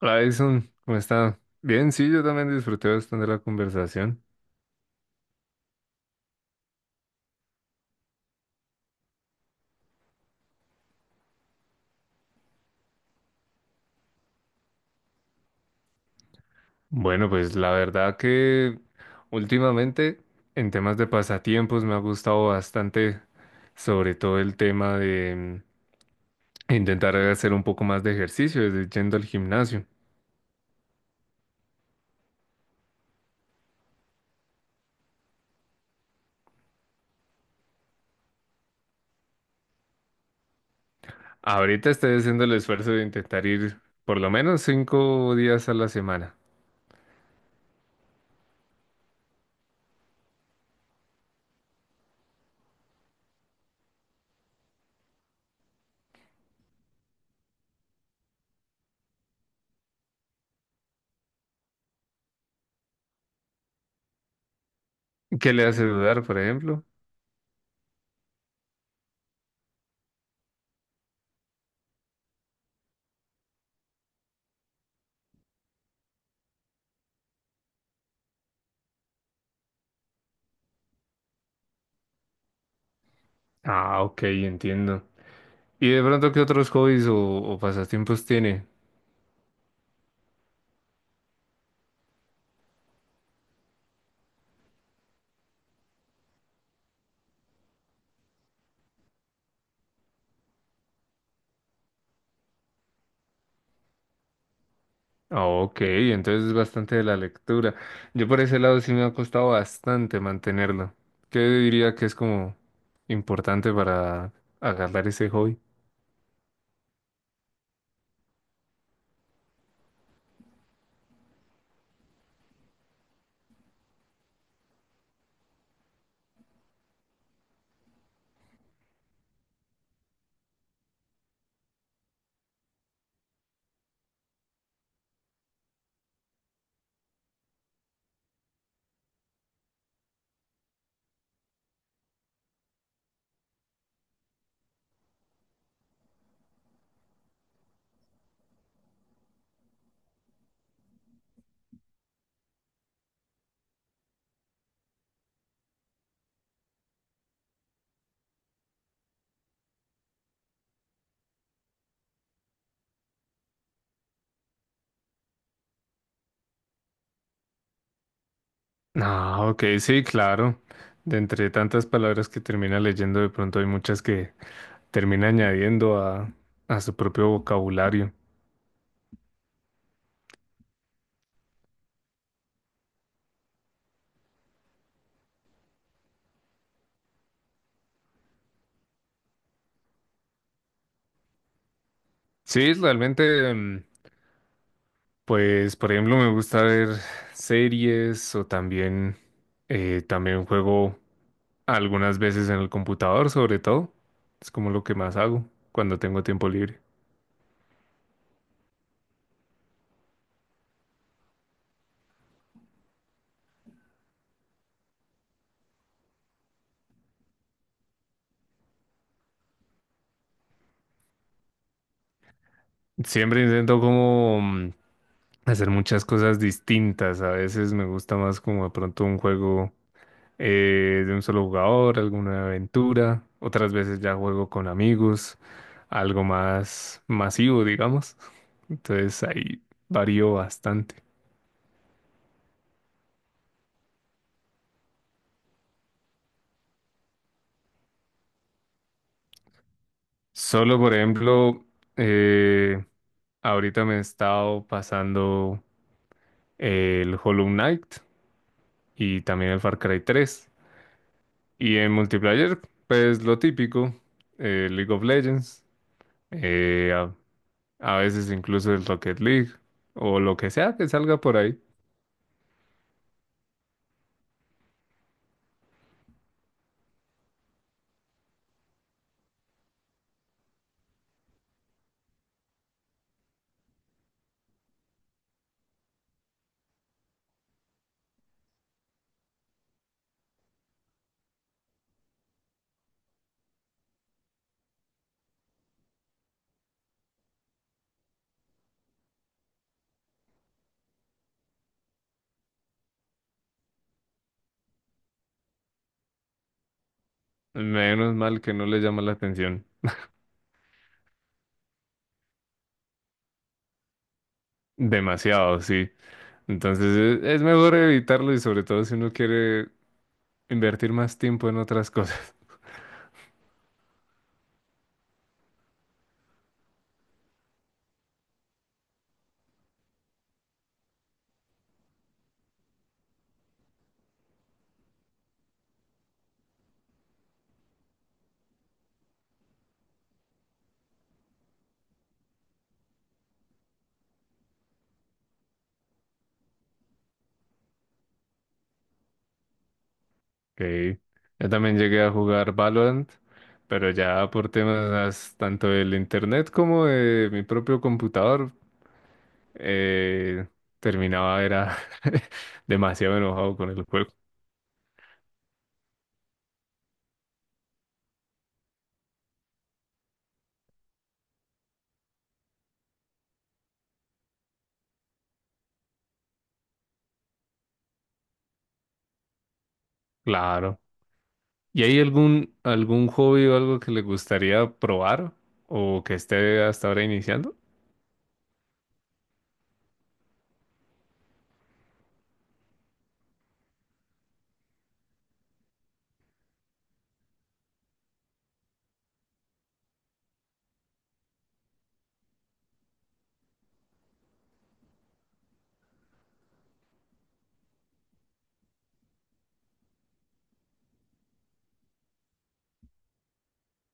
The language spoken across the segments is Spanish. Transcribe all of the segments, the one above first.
Hola Edison, ¿cómo está? Bien, sí, yo también disfruté bastante la conversación. Bueno, pues la verdad que últimamente en temas de pasatiempos me ha gustado bastante, sobre todo el tema de intentar hacer un poco más de ejercicio, desde yendo al gimnasio. Ahorita estoy haciendo el esfuerzo de intentar ir por lo menos 5 días a la semana. ¿Qué le hace dudar, por ejemplo? Ah, ok, entiendo. ¿Y de pronto qué otros hobbies o pasatiempos tiene? Ah, ok, entonces es bastante de la lectura. Yo por ese lado sí me ha costado bastante mantenerlo. ¿Qué diría que es como importante para agarrar ese hobby? Ah, ok, sí, claro. De entre tantas palabras que termina leyendo, de pronto hay muchas que termina añadiendo a su propio vocabulario. Sí, realmente, mm, pues, por ejemplo, me gusta ver series o también, también juego. Algunas veces en el computador, sobre todo. Es como lo que más hago cuando tengo tiempo libre. Siempre intento como hacer muchas cosas distintas. A veces me gusta más como de pronto un juego de un solo jugador, alguna aventura. Otras veces ya juego con amigos, algo más masivo, digamos. Entonces ahí varío bastante. Solo, por ejemplo, eh, ahorita me he estado pasando el Hollow Knight y también el Far Cry 3. Y en multiplayer, pues lo típico, League of Legends, eh, a, a veces incluso el Rocket League o lo que sea que salga por ahí. Menos mal que no le llama la atención. Demasiado, sí. Entonces es mejor evitarlo, y sobre todo si uno quiere invertir más tiempo en otras cosas. Ok. Yo también llegué a jugar Valorant, pero ya por temas tanto del internet como de mi propio computador eh, terminaba era demasiado enojado con el juego. Claro. ¿Y hay algún hobby o algo que le gustaría probar o que esté hasta ahora iniciando?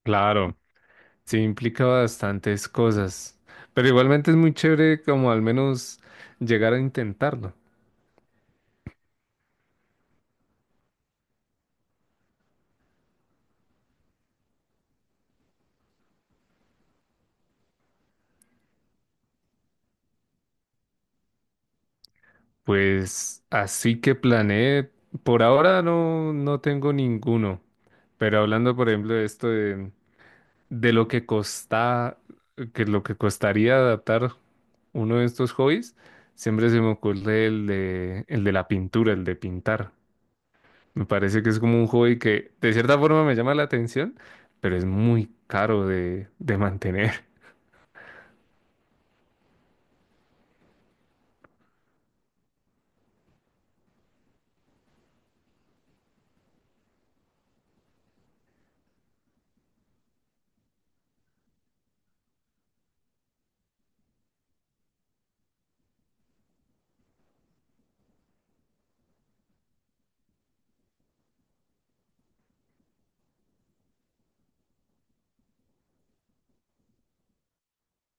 Claro, sí implica bastantes cosas, pero igualmente es muy chévere como al menos llegar a intentarlo. Pues así que planeé, por ahora no tengo ninguno. Pero hablando, por ejemplo, de esto de lo que costa, que lo que costaría adaptar uno de estos hobbies, siempre se me ocurre el de la pintura, el de pintar. Me parece que es como un hobby que de cierta forma me llama la atención, pero es muy caro de mantener.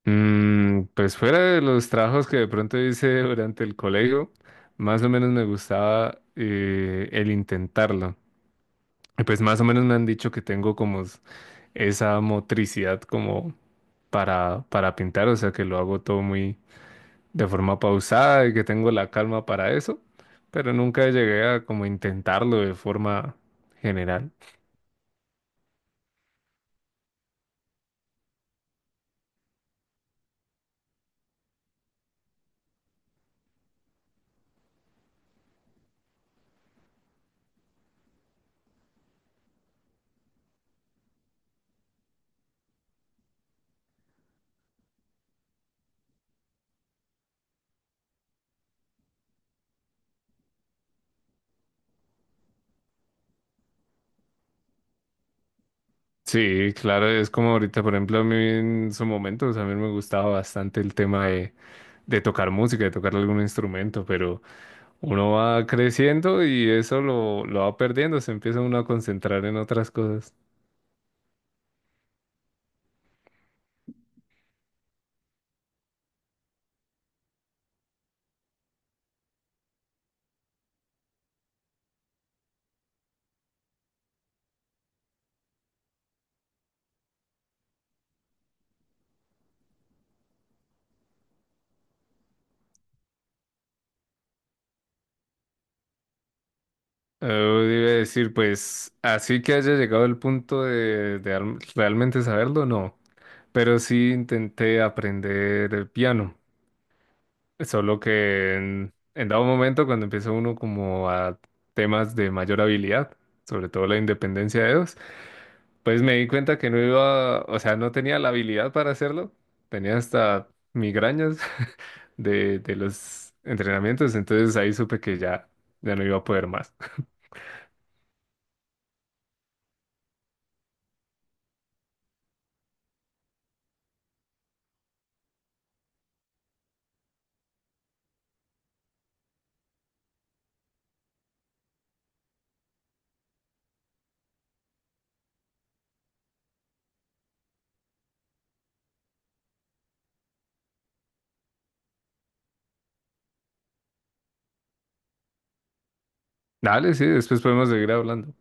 Mm, pues fuera de los trabajos que de pronto hice durante el colegio, más o menos me gustaba el intentarlo. Y pues más o menos me han dicho que tengo como esa motricidad como para pintar, o sea que lo hago todo muy de forma pausada y que tengo la calma para eso, pero nunca llegué a como intentarlo de forma general. Sí, claro, es como ahorita, por ejemplo, a mí en su momento, o sea, a mí me gustaba bastante el tema de tocar música, de tocar algún instrumento, pero uno va creciendo y eso lo va perdiendo, se empieza uno a concentrar en otras cosas. Eh, Iba a decir, pues, así que haya llegado el punto de realmente saberlo, no. Pero sí intenté aprender el piano, solo que en dado momento cuando empieza uno como a temas de mayor habilidad, sobre todo la independencia de dedos, pues me di cuenta que no iba, o sea, no tenía la habilidad para hacerlo, tenía hasta migrañas de los entrenamientos, entonces ahí supe que ya, ya no iba a poder más. Dale, sí, después podemos seguir hablando.